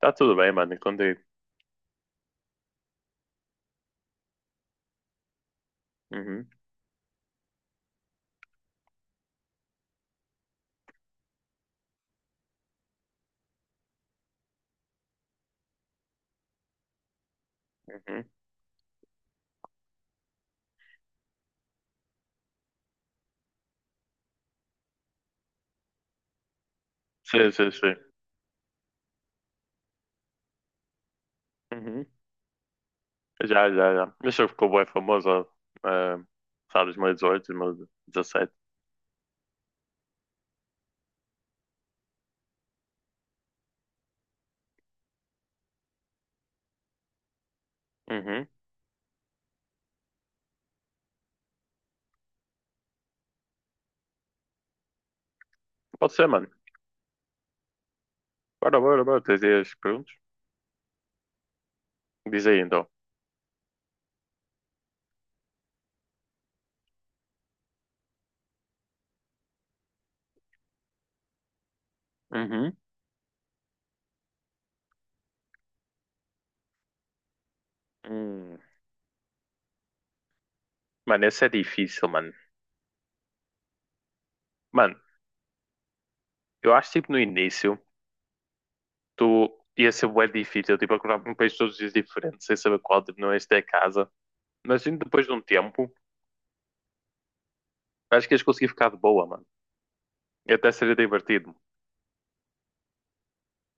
Tá tudo bem, mano, e contigo. Uhum, uhum. Sim, sim, sim. Uhum. Já, já, já. Mas eu ficou bem famoso, uh, sabe, 2018, 2017. Uhum. Pode ser, mano. Bora, bora, bora. Tens aí as perguntas? Diz aí, então. Uhum. Hum. Mano, essa é difícil, mano. Mano, eu acho, tipo, no início, tu ia ser bué difícil, tipo, acordar para um país todos os dias diferente, sem saber qual, tipo, não é este é a casa. Mas, assim, depois de um tempo, acho que ias conseguir ficar de boa, mano. E até seria divertido.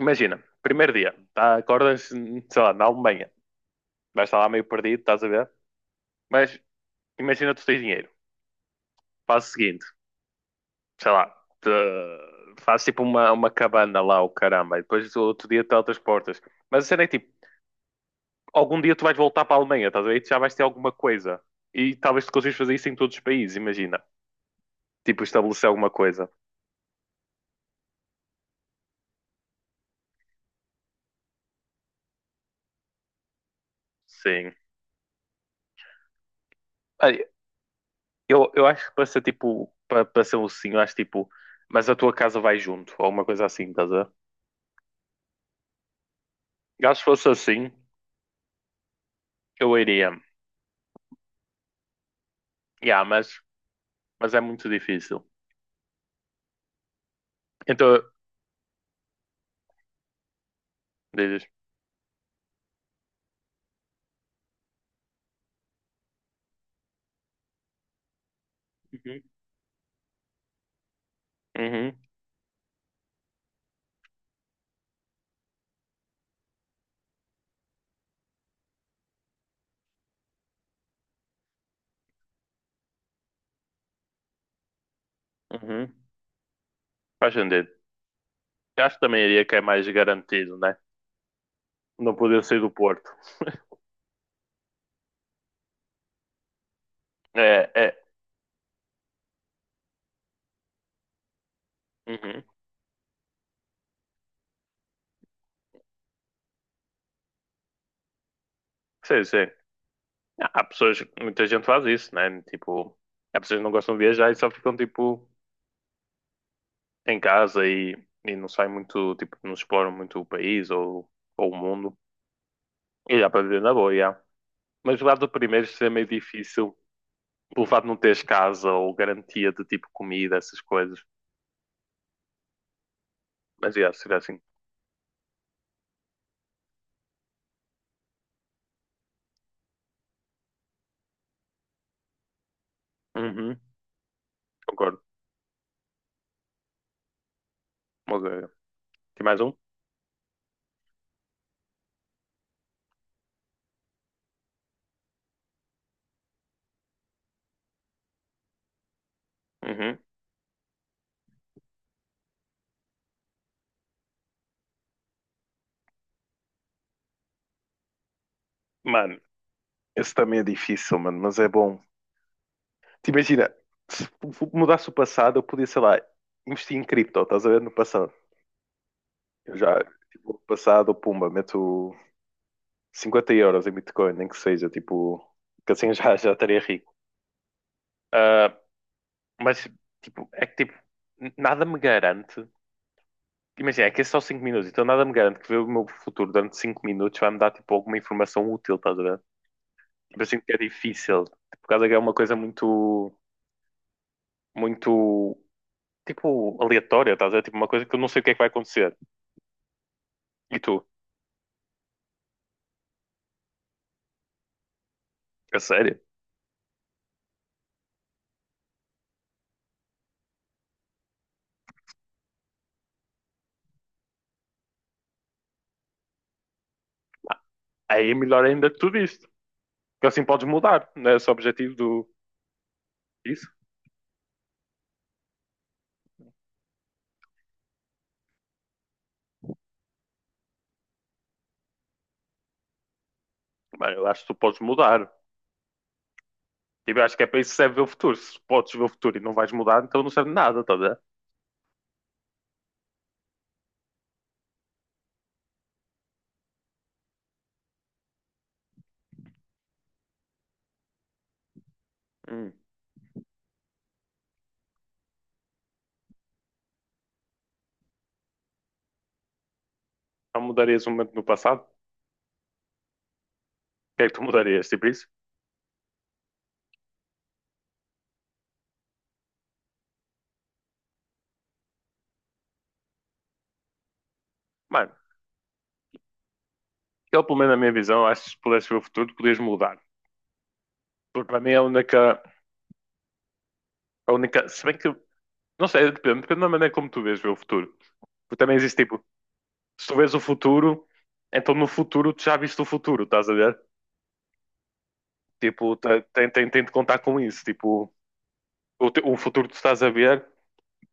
Imagina, primeiro dia, tá, acordas, sei lá, na Alemanha, vais estar lá meio perdido, estás a ver? Mas imagina tu tens dinheiro, faz o seguinte, sei lá, te, faz tipo uma cabana lá, o caramba, e depois o outro dia teletransportas. Mas a cena é que, tipo, algum dia tu vais voltar para a Alemanha, estás a ver? E tu já vais ter alguma coisa. E talvez tu consigas fazer isso em todos os países, imagina. Tipo, estabelecer alguma coisa. Sim. Olha, eu acho que para ser tipo, para ser um sim, eu acho tipo, mas a tua casa vai junto, ou alguma coisa assim, estás a ver? Eu acho que fosse assim, eu iria. Yeah, mas é muito difícil. Então, dizes. Uhum, uhum, uhum. Faz sentido. Eu acho que também iria que é mais garantido, né? Não poder sair do Porto. É, é. Uhum. Sim, sim. Ah, há pessoas, muita gente faz isso, né? Tipo, há pessoas que não gostam de viajar e só ficam, tipo, em casa e não saem muito, tipo, não exploram muito o país ou o mundo. E dá para viver na boa, yeah. Mas o lado do primeiro seria meio difícil pelo fato de não teres casa ou garantia de tipo comida, essas coisas. Mas yeah, seria assim. Uhum, concordo. Mas, tem mais um? Uhum. Mano, esse também é difícil, mano, mas é bom. Te imagina, se f- mudasse o passado, eu podia, sei lá, investir em cripto, estás a ver no passado. Eu já, tipo, no passado, pumba, meto 50 euros em Bitcoin, nem que seja, tipo, que assim já estaria rico. Ah, mas, tipo, é que, tipo, nada me garante. Imagina, é que é só 5 minutos, então nada me garante que ver o meu futuro durante 5 minutos vai me dar tipo alguma informação útil, estás a ver? Tipo, eu sinto que é difícil, por causa que é uma coisa muito, muito, tipo, aleatória, estás a ver? Tipo, uma coisa que eu não sei o que é que vai acontecer. E tu, a sério? Aí é melhor ainda que tu diste, porque assim podes mudar, não é esse o objetivo do. Isso? Bem, eu acho que tu podes mudar. Tipo, eu acho que é para isso que serve ver o futuro. Se podes ver o futuro e não vais mudar, então não serve de nada, estás a ver? Hum. Não mudarias um momento no passado? O que é que tu mudarias? Tipo isso? Mano, ele, pelo menos na minha visão, acho que se pudesse ver o futuro, podias mudar. Porque para mim é a única, a única. Se bem que. Não sei, depende da maneira como tu vês ver o futuro. Porque também existe tipo, se tu vês o futuro, então no futuro tu já viste o futuro, estás a ver? Tipo, tem de contar com isso. Tipo, o futuro que tu estás a ver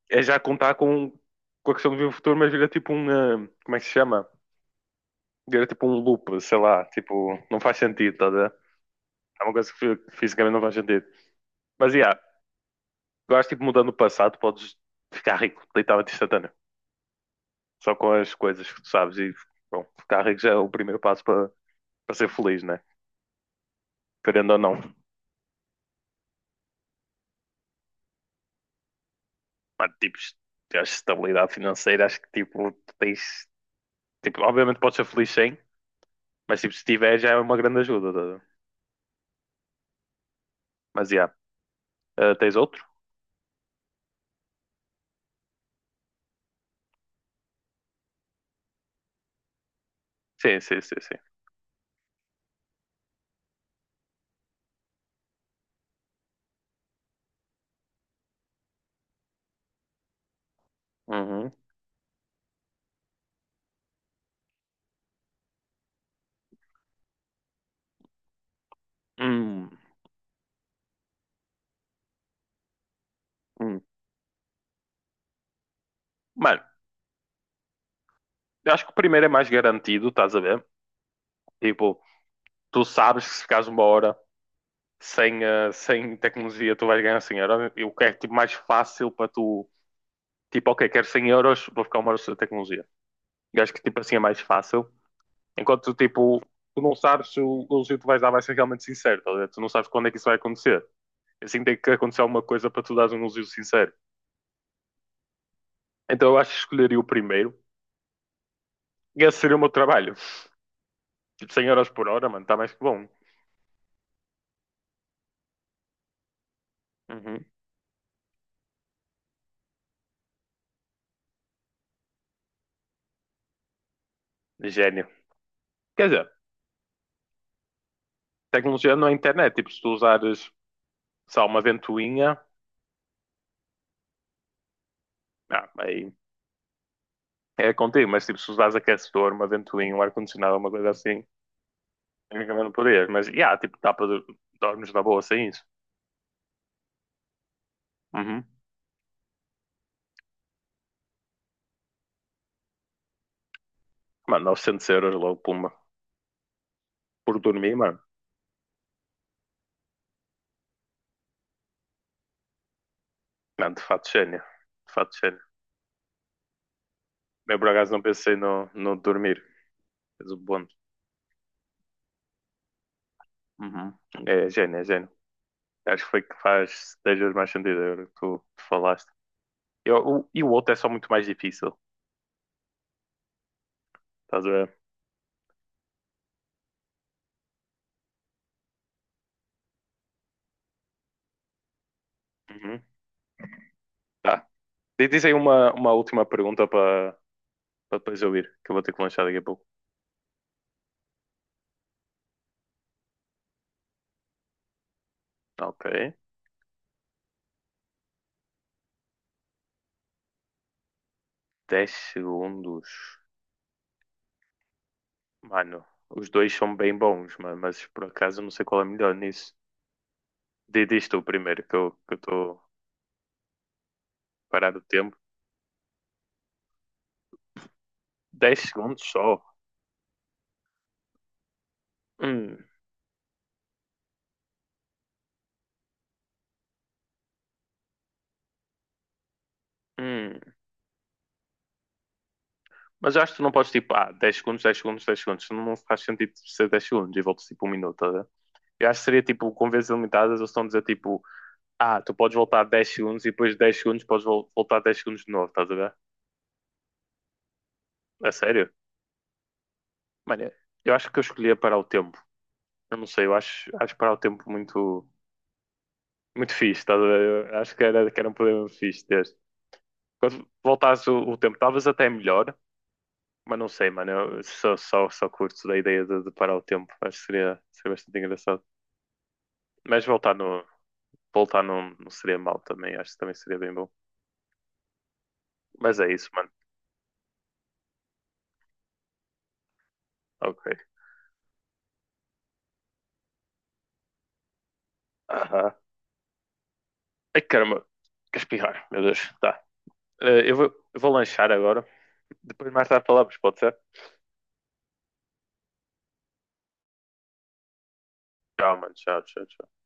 é já contar com a questão de ver o futuro, mas vira tipo um. Como é que se chama? Vira tipo um loop, sei lá. Tipo, não faz sentido, estás a ver? É uma coisa que fisicamente não faz sentido. Mas, yeah, eu acho tipo, mudando o passado, podes ficar rico, literalmente instantâneo. Só com as coisas que tu sabes e, bom, ficar rico já é o primeiro passo para ser feliz, né? Querendo ou não. Mas, tipo, tens estabilidade financeira, acho que, tipo, tu tens... Tipo, obviamente podes ser feliz sem, mas, tipo, se tiver já é uma grande ajuda. Tá a Mas, já. Ah, tens outro? Sim, sim, sim, sim. Uhum. Hum, hum. Mano, eu acho que o primeiro é mais garantido, estás a ver? Tipo, tu sabes que se ficares uma hora sem tecnologia tu vais ganhar 100 euros. O que é tipo, mais fácil para tu. Tipo, ok, quero 100 euros, vou ficar uma hora sem tecnologia. Eu acho que tipo assim é mais fácil. Enquanto tipo, tu não sabes se o elogio que tu vais dar vai ser realmente sincero, tá tu não sabes quando é que isso vai acontecer. Assim tem que acontecer alguma coisa para tu dares um elogio sincero. Então eu acho que escolheria o primeiro e esse seria o meu trabalho. Tipo, 100 euros por hora, mano, está mais que bom. Uhum. Gênio. Quer dizer, tecnologia não é internet. Tipo, se tu usares, sei lá, uma ventoinha, aí é contigo, mas tipo, se usares aquecedor, uma ventoinha, um ar-condicionado, uma coisa assim, tecnicamente não podias. Mas, yeah, tipo, dormes na boa sem isso. Uhum. Mano, 900 euros logo, pumba. Por dormir, mano. Mano, de fato, gênio. De fato, gênio. Eu, por acaso, não pensei no dormir. Mas o bônus. Uhum. É gênio, é gênio. Acho que foi que faz 10 vezes mais sentido agora que tu falaste. E e o outro é só muito mais difícil. Estás a ver? Uhum. Tá. Diz aí uma última pergunta para depois eu ir, que eu vou ter que lanchar daqui a pouco. Ok. Dez segundos. Mano, os dois são bem bons, mano, mas por acaso eu não sei qual é melhor nisso. Diz tu primeiro, que eu tô parado o tempo. 10 segundos só. Hum, hum. Mas eu acho que tu não podes tipo, 10 segundos, 10 segundos, dez segundos. Não faz sentido ser dez segundos e voltas tipo um minuto, tá? A ver? Eu acho que seria tipo, com vezes limitadas, eles estão a dizer tipo, tu podes voltar 10 segundos e depois de 10 segundos podes voltar 10 segundos de novo, estás a ver? A sério? Mano, eu acho que eu escolhia parar o tempo. Eu não sei, eu acho parar o tempo muito, muito fixe, estás a ver? Eu acho que era um problema fixe ter. Quando voltasse o tempo, talvez até é melhor, mas não sei, mano. Eu só curto da ideia de parar o tempo. Acho que seria bastante engraçado. Mas voltar no. Voltar não, não seria mal também, acho que também seria bem bom. Mas é isso, mano. Ok. Aham. Ai, caramba. Quer espirrar, meu Deus. Tá. Eh, eu vou, eu vou lanchar agora. Depois mais tarde falamos, pode ser? Tchau, mano. Tchau, tchau, tchau.